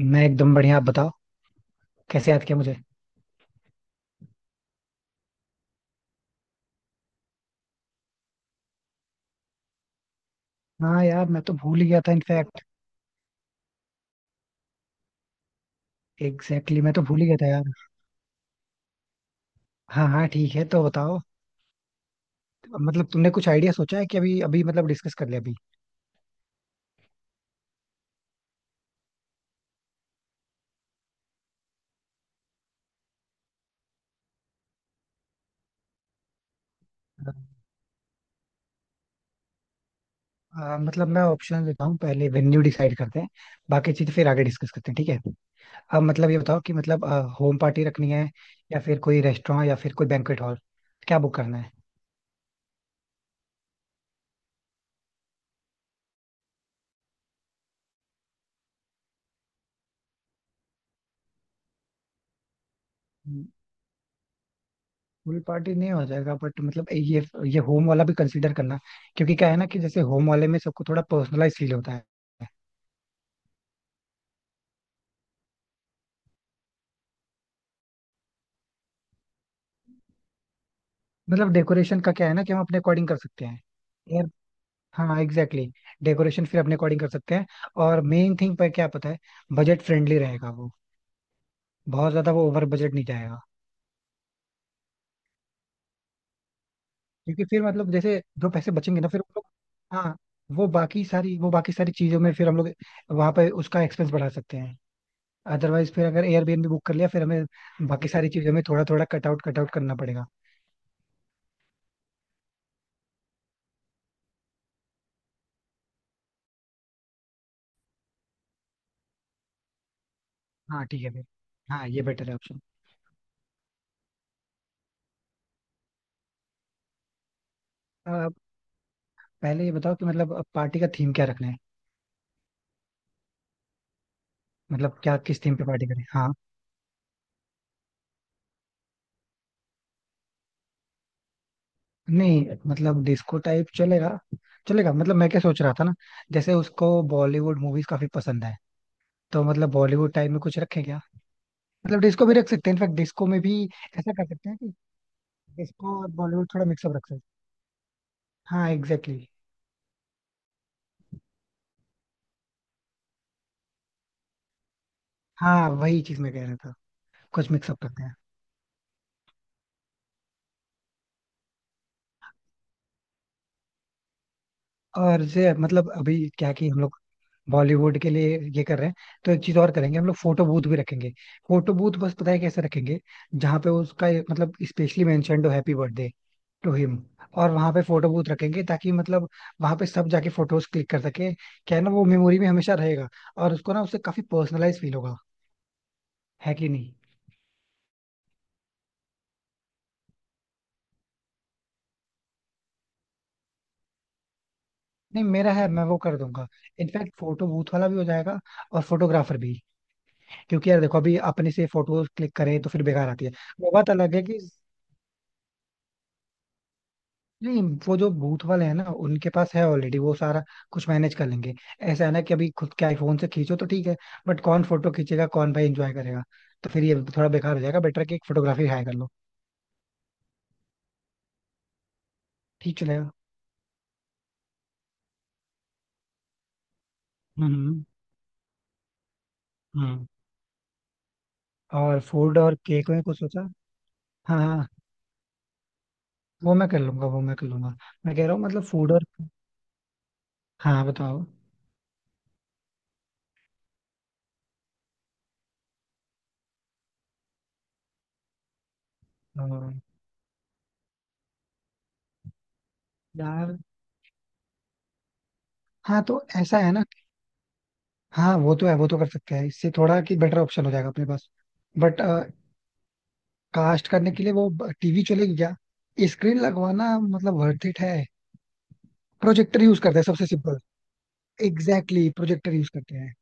मैं एकदम बढ़िया. आप बताओ कैसे याद किया मुझे. हाँ यार, मैं तो भूल ही गया था इनफैक्ट. एग्जैक्टली exactly, मैं तो भूल ही गया था यार. हाँ हाँ, ठीक है, तो बताओ. मतलब तुमने कुछ आइडिया सोचा है कि अभी अभी मतलब डिस्कस कर लिया अभी. मतलब मैं ऑप्शन देता हूँ. पहले वेन्यू डिसाइड करते हैं. बाकी चीज फिर आगे डिस्कस करते हैं. ठीक है. अब मतलब ये बताओ कि मतलब होम पार्टी रखनी है, या फिर कोई रेस्टोरेंट, या फिर कोई बैंक्वेट हॉल, क्या बुक करना है. फुल पार्टी नहीं हो जाएगा बट मतलब ये होम वाला भी कंसीडर करना. क्योंकि क्या है ना कि जैसे होम वाले में सबको थोड़ा पर्सनलाइज फील होता है. मतलब डेकोरेशन का क्या है ना कि हम अपने अकॉर्डिंग कर सकते हैं यार. हाँ एग्जैक्टली exactly. डेकोरेशन फिर अपने अकॉर्डिंग कर सकते हैं. और मेन थिंग पर क्या पता है, बजट फ्रेंडली रहेगा वो. बहुत ज्यादा वो ओवर बजट नहीं जाएगा. क्योंकि फिर मतलब जैसे जो पैसे बचेंगे ना फिर हम लोग, हाँ, वो बाकी सारी चीजों में फिर हम लोग वहां पे उसका एक्सपेंस बढ़ा सकते हैं. अदरवाइज फिर अगर एयरबीएनबी बुक कर लिया फिर हमें बाकी सारी चीजों में थोड़ा थोड़ा कट आउट करना पड़ेगा. हाँ ठीक है फिर. हाँ ये बेटर है ऑप्शन. पहले ये बताओ कि मतलब पार्टी का थीम क्या रखना है. मतलब क्या, किस थीम पे पार्टी करें, हाँ. नहीं मतलब डिस्को टाइप चलेगा. चलेगा मतलब मैं क्या सोच रहा था ना. जैसे उसको बॉलीवुड मूवीज काफी पसंद है. तो मतलब बॉलीवुड टाइप में कुछ रखें क्या. मतलब डिस्को भी रख सकते हैं इनफैक्ट. डिस्को में भी ऐसा कर सकते हैं कि डिस्को और बॉलीवुड थोड़ा मिक्सअप रख सकते हैं. हाँ एग्जैक्टली exactly. हाँ वही चीज मैं कह रहा था. कुछ मिक्सअप करते हैं. और जैसे मतलब अभी क्या कि हम लोग बॉलीवुड के लिए ये कर रहे हैं, तो एक चीज और करेंगे हम लोग, फोटो बूथ भी रखेंगे. फोटो बूथ बस पता है कैसे रखेंगे. जहाँ पे उसका ये मतलब स्पेशली मेंशन्ड हो हैप्पी बर्थडे टू हिम, और वहां पे फोटो बूथ रखेंगे, ताकि मतलब वहां पे सब जाके फोटोज क्लिक कर सके, क्या है ना वो मेमोरी में हमेशा रहेगा. और उसको ना उससे काफी पर्सनलाइज फील होगा. है कि नहीं. नहीं मेरा है, मैं वो कर दूंगा. इनफैक्ट फोटो बूथ वाला भी हो जाएगा और फोटोग्राफर भी. क्योंकि यार देखो, अभी अपने से फोटोज क्लिक करें तो फिर बेकार आती है. वो बात अलग है कि नहीं, वो जो बूथ वाले हैं ना उनके पास है ऑलरेडी वो सारा कुछ मैनेज कर लेंगे. ऐसा है ना कि अभी खुद के आईफोन से खींचो तो ठीक है, बट कौन फोटो खींचेगा, कौन भाई एंजॉय करेगा. तो फिर ये थोड़ा बेकार हो जाएगा, बेटर कि एक फोटोग्राफी हायर कर लो. ठीक चलेगा. हम्म. हम्म. और फूड और केक में कुछ सोचा? हाँ हाँ. वो मैं कर लूंगा, वो मैं कर लूंगा. मैं कह रहा हूँ मतलब फूड और. हाँ बताओ. और यार. हाँ तो ऐसा है ना. हाँ वो तो है, वो तो कर सकते हैं, इससे थोड़ा कि बेटर ऑप्शन हो जाएगा अपने पास. बट कास्ट करने के लिए वो टीवी चलेगी क्या? स्क्रीन लगवाना मतलब वर्थ इट है. प्रोजेक्टर यूज करते हैं सबसे simple. Exactly exactly, projector use करते हैं.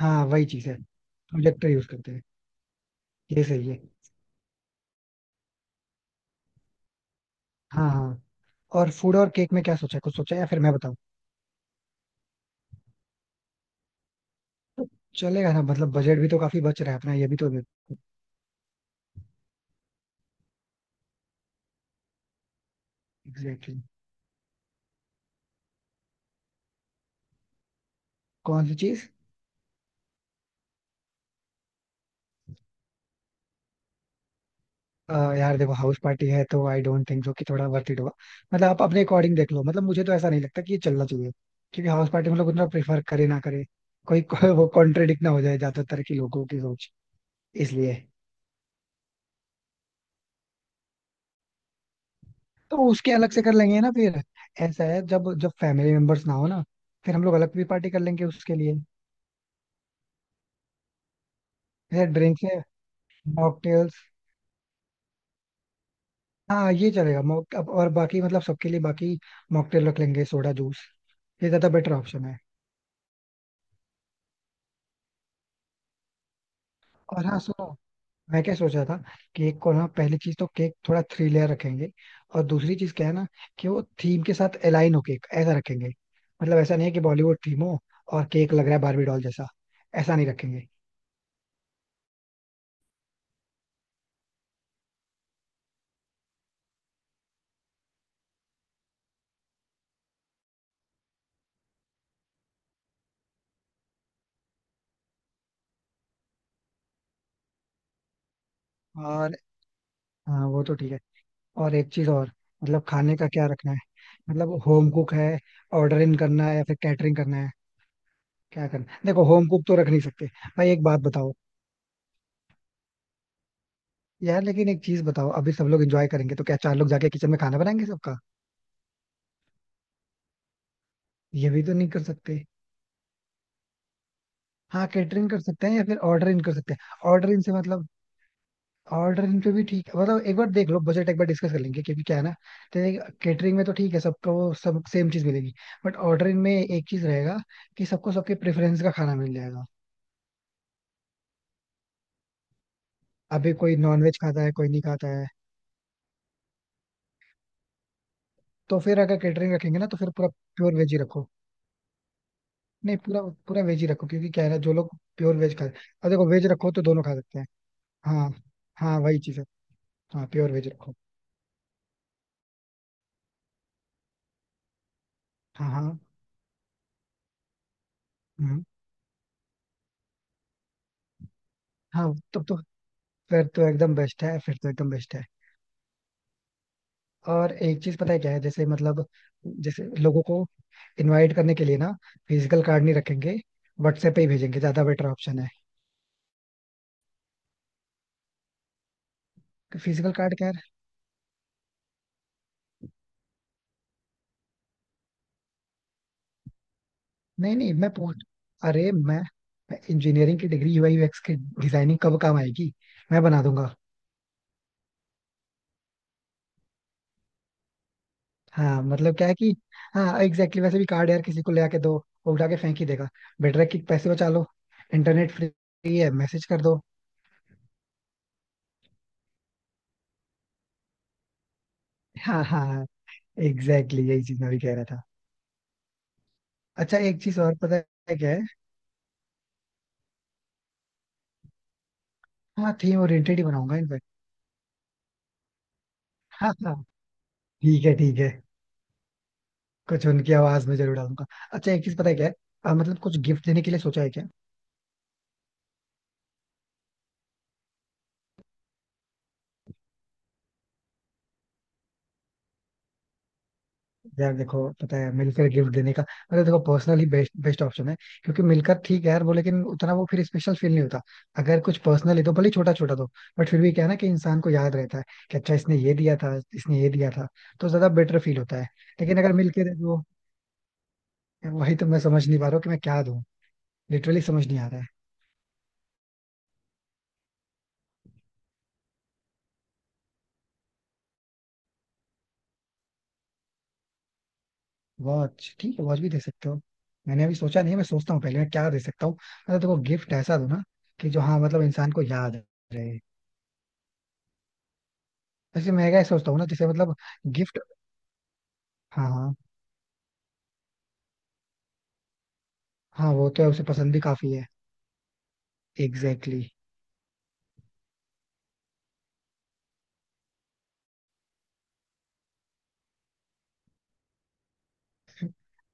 हाँ वही चीज है. प्रोजेक्टर यूज करते हैं. ये सही है. हाँ हाँ. और फूड और केक में क्या सोचा है? कुछ सोचा है या फिर मैं बताऊँ? चलेगा ना. मतलब बजट भी तो काफी बच रहा है अपना ये भी तो. Exactly exactly. कौन सी चीज? यार देखो हाउस पार्टी है तो आई डोंट थिंक सो कि थोड़ा वर्थ इट होगा. मतलब आप अपने अकॉर्डिंग देख लो. मतलब मुझे तो ऐसा नहीं लगता कि ये चलना चाहिए. क्योंकि हाउस पार्टी में लोग उतना प्रेफर करे ना करे कोई कोई वो कॉन्ट्रेडिक्ट ना हो जाए ज्यादातर के लोगों की सोच. इसलिए. तो उसके अलग से कर लेंगे ना फिर. ऐसा है जब जब फैमिली मेंबर्स ना हो ना, फिर हम लोग अलग भी पार्टी कर लेंगे उसके लिए. जैसे ड्रिंक्स है, मॉकटेल्स. हाँ ये चलेगा. मॉक अब और बाकी मतलब सबके लिए बाकी मॉकटेल रख लेंगे, सोडा जूस. ये ज्यादा बेटर ऑप्शन है. और हाँ सुनो, मैं क्या सोच रहा था, केक को ना पहली चीज तो केक थोड़ा थ्री लेयर रखेंगे. और दूसरी चीज क्या है ना, कि वो थीम के साथ अलाइन हो केक ऐसा रखेंगे. मतलब ऐसा नहीं है कि बॉलीवुड थीम हो और केक लग रहा है बारबी डॉल जैसा. ऐसा नहीं रखेंगे. और हाँ वो तो ठीक है. और एक चीज और, मतलब खाने का क्या रखना है. मतलब होम कुक है, ऑर्डर इन करना है या फिर कैटरिंग करना है, क्या करना है. देखो होम कुक तो रख नहीं सकते. भाई एक बात बताओ, यार लेकिन एक चीज बताओ, अभी सब लोग एंजॉय करेंगे तो क्या चार लोग जाके किचन में खाना बनाएंगे सबका. ये भी तो नहीं कर सकते. हाँ कैटरिंग कर सकते हैं या फिर ऑर्डर इन कर सकते हैं. ऑर्डर इन से मतलब ऑर्डर इन पे भी ठीक है. मतलब एक बार देख लो, बजट एक बार डिस्कस कर लेंगे, क्योंकि क्या है ना, कैटरिंग में तो ठीक है सबको वो सब सेम चीज मिलेगी. बट ऑर्डर इन में एक चीज रहेगा कि सबको सबके प्रेफरेंस का खाना मिल जाएगा. अभी कोई नॉन वेज खाता है, कोई नहीं खाता है. तो फिर अगर कैटरिंग रखेंगे ना तो फिर पूरा प्योर वेज ही रखो. नहीं पूरा पूरा वेज ही रखो क्योंकि क्या है ना, जो लोग प्योर वेज खाते हैं और देखो वेज रखो तो दोनों खा सकते हैं. हाँ हाँ. वही चीज है. हाँ प्योर वेज रखो. हाँ हाँ. हम्म, हाँ तब तो. फिर तो एकदम बेस्ट है. फिर तो एकदम बेस्ट है. और एक चीज पता है क्या है, जैसे मतलब जैसे लोगों को इनवाइट करने के लिए ना, फिजिकल कार्ड नहीं रखेंगे, व्हाट्सएप पे ही भेजेंगे, ज्यादा बेटर ऑप्शन है. फिजिकल कार्ड क्या है. नहीं नहीं मैं पूछ. अरे मैं इंजीनियरिंग की डिग्री, यूआई यूएक्स की डिजाइनिंग कब काम आएगी. मैं बना दूंगा. हाँ मतलब क्या है कि. हाँ एग्जैक्टली exactly, वैसे भी कार्ड यार किसी को ले आके दो, वो उठा के फेंक ही देगा. बेटर है कि पैसे बचा लो. इंटरनेट फ्री है, मैसेज कर दो. हाँ हाँ एग्जैक्टली exactly, यही चीज मैं भी कह रहा था. अच्छा एक चीज और पता है क्या है. हाँ थीम ओरिएंटेड ही बनाऊंगा इनफैक्ट. हाँ हाँ ठीक है ठीक है. कुछ उनकी आवाज में जरूर डालूंगा. अच्छा एक चीज पता है क्या है. मतलब कुछ गिफ्ट देने के लिए सोचा है क्या. यार देखो, पता है मिलकर गिफ्ट देने का मतलब, देखो पर्सनली बेस्ट बेस्ट ऑप्शन है. क्योंकि मिलकर ठीक है यार वो, लेकिन उतना वो फिर स्पेशल फील नहीं होता. अगर कुछ पर्सनली दो, भले छोटा छोटा दो, बट फिर भी क्या है ना कि इंसान को याद रहता है कि अच्छा इसने ये दिया था, इसने ये दिया था. तो ज्यादा बेटर फील होता है, लेकिन अगर मिलके दे दो. वही तो मैं समझ नहीं पा रहा हूँ कि मैं क्या दूं. लिटरली समझ नहीं आ रहा है. वॉच ठीक है, वॉच भी दे सकते हो. मैंने अभी सोचा नहीं है, मैं सोचता हूँ पहले मैं क्या दे सकता हूँ. मतलब देखो गिफ्ट ऐसा दो ना कि जो, हाँ मतलब इंसान को याद रहे. वैसे मैं क्या सोचता हूँ ना जैसे मतलब गिफ्ट. हाँ हाँ. हाँ वो तो है, उसे पसंद भी काफी है. Exactly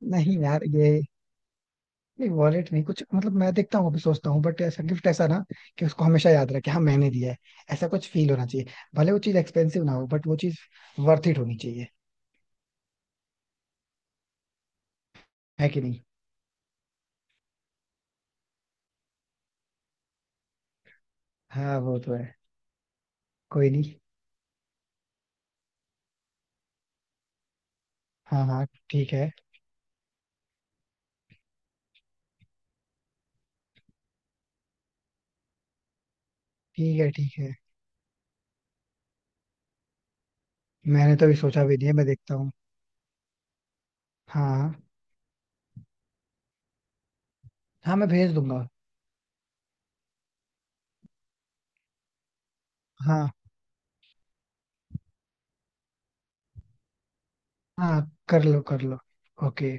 exactly. नहीं यार ये, नहीं वॉलेट नहीं कुछ, मतलब मैं देखता हूँ अभी सोचता हूँ. बट ऐसा गिफ्ट ऐसा ना कि उसको हमेशा याद रहे कि हाँ मैंने दिया है. ऐसा कुछ फील होना चाहिए. भले वो चीज एक्सपेंसिव ना हो, बट वो चीज वर्थ इट होनी चाहिए. है कि नहीं. हाँ वो तो है. कोई नहीं. हाँ हाँ ठीक है ठीक है. ठीक है. मैंने तो अभी सोचा भी नहीं है, मैं देखता हूँ. हाँ हाँ मैं भेज दूंगा. हाँ हाँ कर लो कर लो. Okay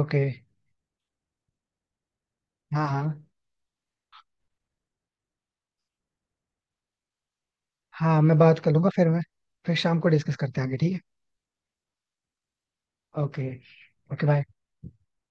okay. हाँ हाँ हाँ मैं बात कर लूंगा. फिर मैं फिर शाम को डिस्कस करते हैं आगे. ठीक है ओके. Okay bye.